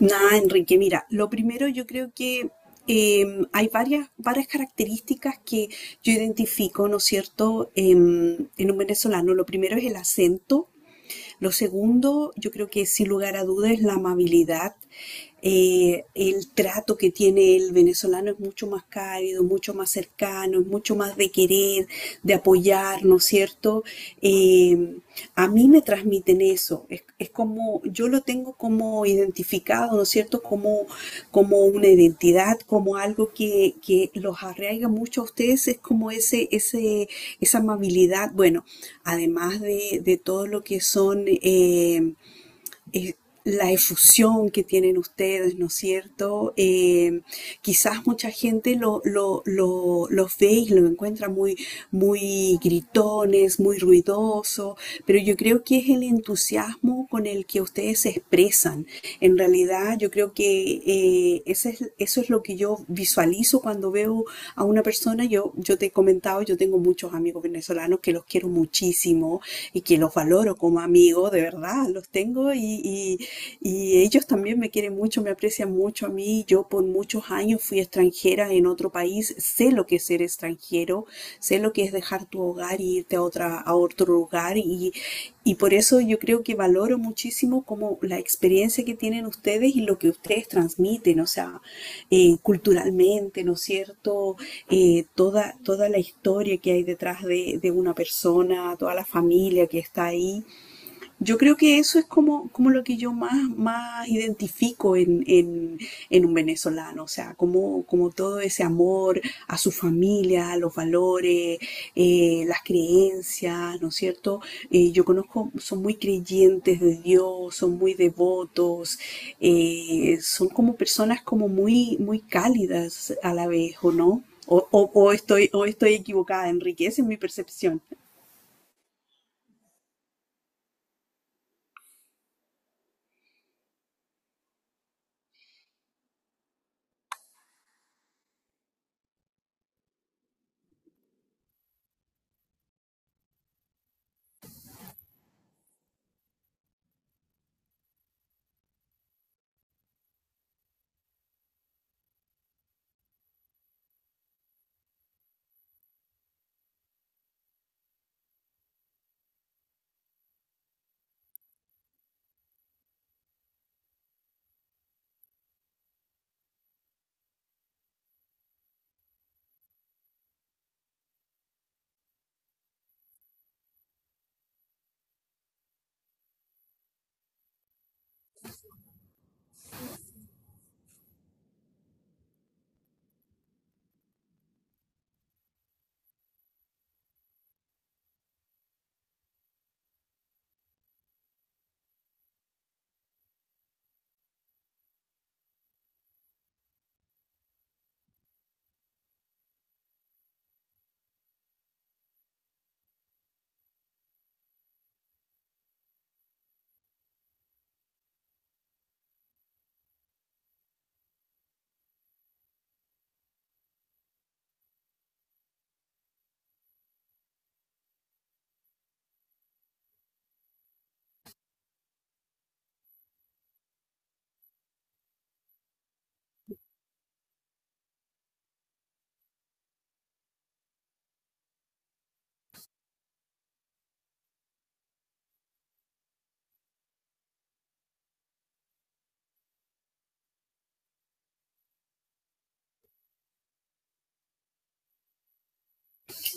Nada, Enrique, mira, lo primero yo creo que eh, hay varias características que yo identifico, ¿no es cierto? En un venezolano. Lo primero es el acento, lo segundo yo creo que sin lugar a dudas es la amabilidad. El trato que tiene el venezolano es mucho más cálido, mucho más cercano, es mucho más de querer, de apoyar, ¿no es cierto? Eh, a mí me transmiten eso, yo lo tengo como identificado, ¿no es cierto? Como una identidad, como algo que los arraiga mucho a ustedes, es como esa amabilidad, bueno, además de todo lo que son... eh, la efusión que tienen ustedes, ¿no es cierto? Quizás mucha gente los ve y lo encuentra muy gritones, muy ruidoso, pero yo creo que es el entusiasmo con el que ustedes se expresan. En realidad, yo creo que eso es lo que yo visualizo cuando veo a una persona. Yo te he comentado, yo tengo muchos amigos venezolanos que los quiero muchísimo y que los valoro como amigos, de verdad verdad, los tengo y- y ellos también me quieren mucho, me aprecian mucho a mí. Yo por muchos años fui extranjera en otro país, sé lo que es ser extranjero, sé lo que es dejar tu hogar y irte a otra, a otro lugar, y por eso yo creo que valoro muchísimo como la experiencia que tienen ustedes y lo que ustedes transmiten, o sea, culturalmente, ¿no es cierto? Toda la historia que hay detrás de una persona, toda la familia que está ahí. Yo creo que eso es como, como lo que yo más identifico en un venezolano, o sea, como, como todo ese amor a su familia, a los valores, las creencias, ¿no es cierto? Yo conozco, son muy creyentes de Dios, son muy devotos, son como personas como muy, muy cálidas a la vez, ¿o no? O estoy, o estoy equivocada, Enrique, esa es mi percepción.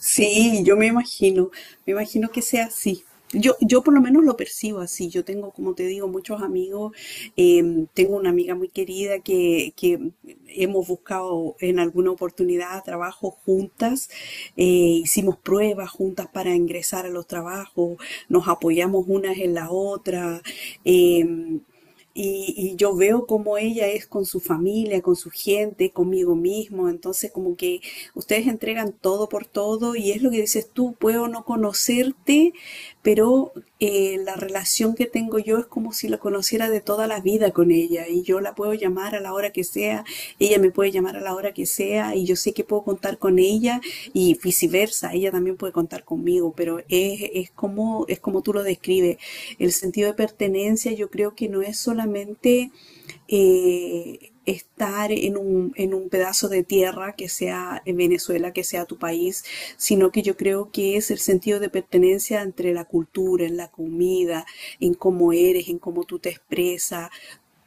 Sí, yo me imagino que sea así. Yo por lo menos lo percibo así. Yo tengo, como te digo, muchos amigos. Tengo una amiga muy querida que hemos buscado en alguna oportunidad trabajo juntas. eh, Hicimos pruebas juntas para ingresar a los trabajos. Nos apoyamos unas en la otra. eh, y, y yo veo cómo ella es con su familia, con su gente, conmigo mismo. Entonces, como que ustedes entregan todo por todo y es lo que dices tú, puedo no conocerte, pero la relación que tengo yo es como si la conociera de toda la vida vida con ella, y yo la puedo llamar a la hora que sea, ella me puede llamar a la hora que sea y yo sé que puedo contar con ella y viceversa, ella también puede contar conmigo, pero es como tú lo describes. El sentido de pertenencia yo creo que no es solamente en un pedazo de tierra que sea en Venezuela, que sea tu país, sino que yo creo que es el sentido de pertenencia entre la cultura, en la comida, en cómo eres, en cómo tú te expresas,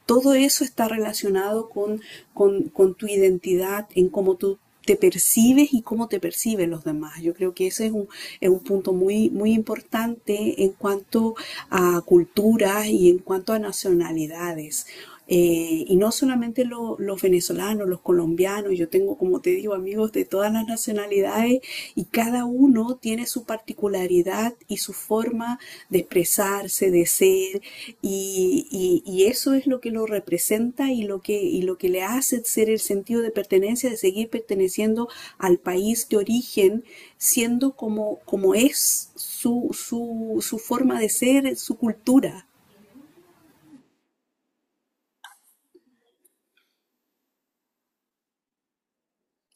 todo eso está relacionado con tu identidad, en cómo tú te percibes y cómo te perciben los demás. Yo creo que ese es un punto muy, muy importante en cuanto a culturas y en cuanto a nacionalidades. Y no solamente los venezolanos, los colombianos, yo tengo, como te digo, amigos de todas las nacionalidades y cada uno tiene su particularidad y su forma de expresarse, de ser, y eso es lo que lo representa y lo que le hace ser el sentido de pertenencia, de seguir perteneciendo al país de origen, siendo como, como es su forma de ser, su cultura.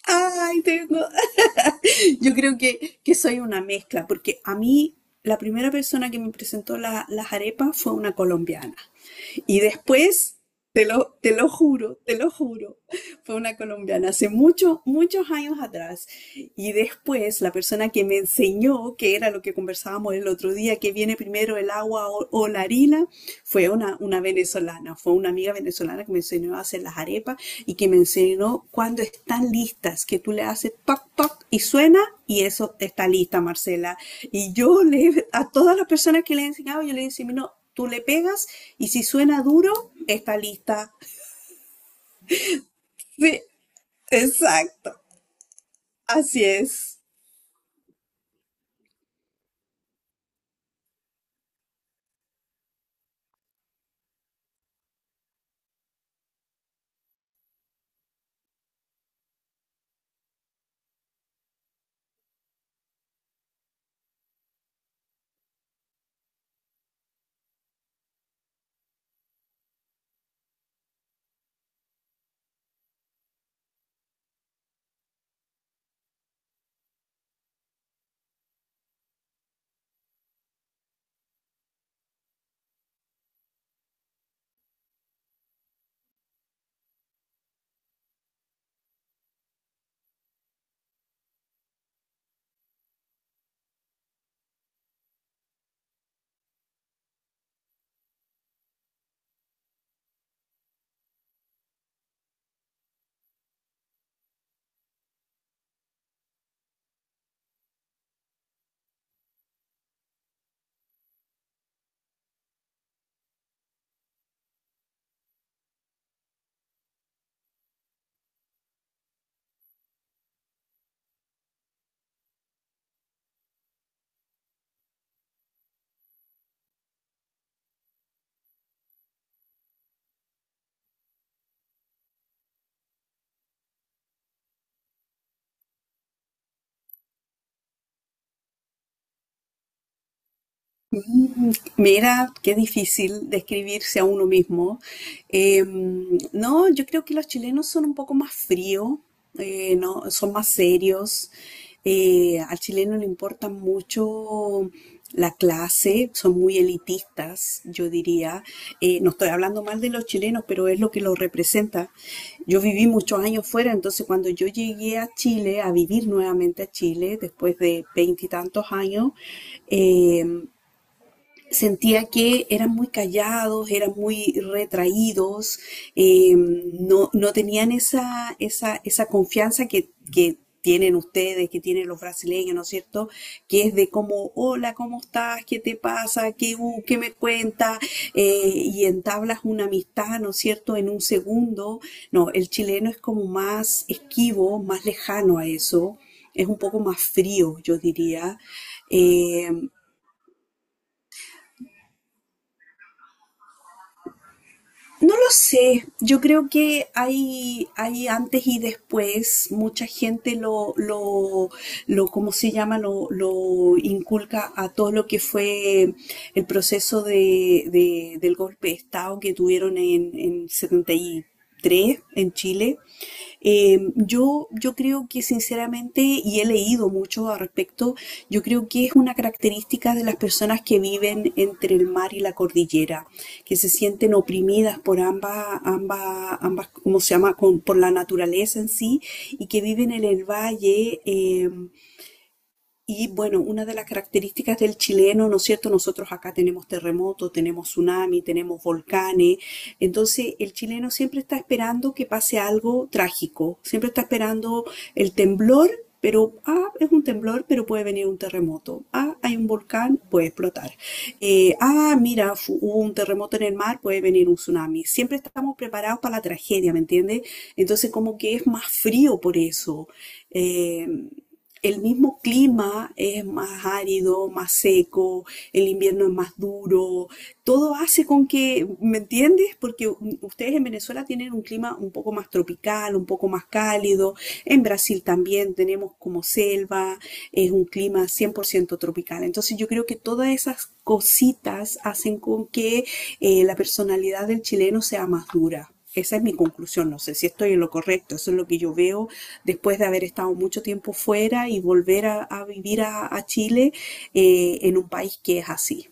Ay, tengo, yo creo que soy una mezcla, porque a mí la primera persona que me presentó las arepas fue una colombiana. Y después, te lo juro, fue una colombiana hace muchos, muchos años atrás. Y después, la persona que me enseñó, que era lo que conversábamos el otro día, que viene primero el agua o la harina, fue una venezolana, fue una amiga venezolana que me enseñó a hacer las arepas y que me enseñó cuando están listas, que tú le haces toc, toc y suena y eso está lista, Marcela. Y yo le, a todas las personas que le he enseñado, yo le decía, no, tú le pegas y si suena duro, está lista. Sí, exacto. Así es. Mm, mira, qué difícil describirse a uno mismo. Eh, no, yo creo que los chilenos son un poco más fríos, no, son más serios. Al chileno le importa mucho la clase, son muy elitistas, yo diría. No estoy hablando mal de los chilenos, pero es lo que los representa. Yo viví muchos años fuera, entonces cuando yo llegué a Chile, a vivir nuevamente a Chile, después de veintitantos años, em, sentía que eran muy callados, eran muy retraídos, no, no tenían esa confianza que tienen ustedes, que tienen los brasileños, ¿no es cierto? Que es de como, hola, ¿cómo estás? ¿Qué te pasa? ¿Qué, qué me cuentas? Y entablas una amistad, ¿no es cierto? En un segundo. No, el chileno es como más esquivo, más lejano a eso. Es un poco más frío, yo diría. Eh, No lo sé, yo creo que hay antes y después, mucha gente ¿cómo se llama? Lo inculca a todo lo que fue el proceso de, del golpe de Estado que tuvieron en 73 tres en Chile. Yo creo que sinceramente, y he leído mucho al respecto, yo creo que es una característica de las personas que viven entre el mar y la cordillera, que se sienten oprimidas por ambas, ¿cómo se llama? Por la naturaleza en sí, y que viven en el valle. Y bueno, una de las características del chileno, ¿no es cierto? Nosotros acá tenemos terremotos, tenemos tsunami, tenemos volcanes. Entonces, el chileno siempre está esperando que pase algo trágico. Siempre está esperando el temblor, pero, ah, es un temblor, pero puede venir un terremoto. Ah, hay un volcán, puede explotar. Mira, hubo un terremoto en el mar, puede venir un tsunami. Siempre estamos preparados para la tragedia, ¿me entiendes? Entonces, como que es más frío por eso. Eh, el mismo clima es más árido, más seco, el invierno es más duro, todo hace con que, ¿me entiendes? Porque ustedes en Venezuela tienen un clima un poco más tropical, un poco más cálido, en Brasil también tenemos como selva, es un clima 100% tropical. Entonces yo creo que todas esas cositas hacen con que la personalidad del chileno sea más dura. Esa es mi conclusión, no sé si estoy en lo correcto, eso es lo que yo veo después de haber estado mucho tiempo fuera y volver a vivir a Chile en un país que es así.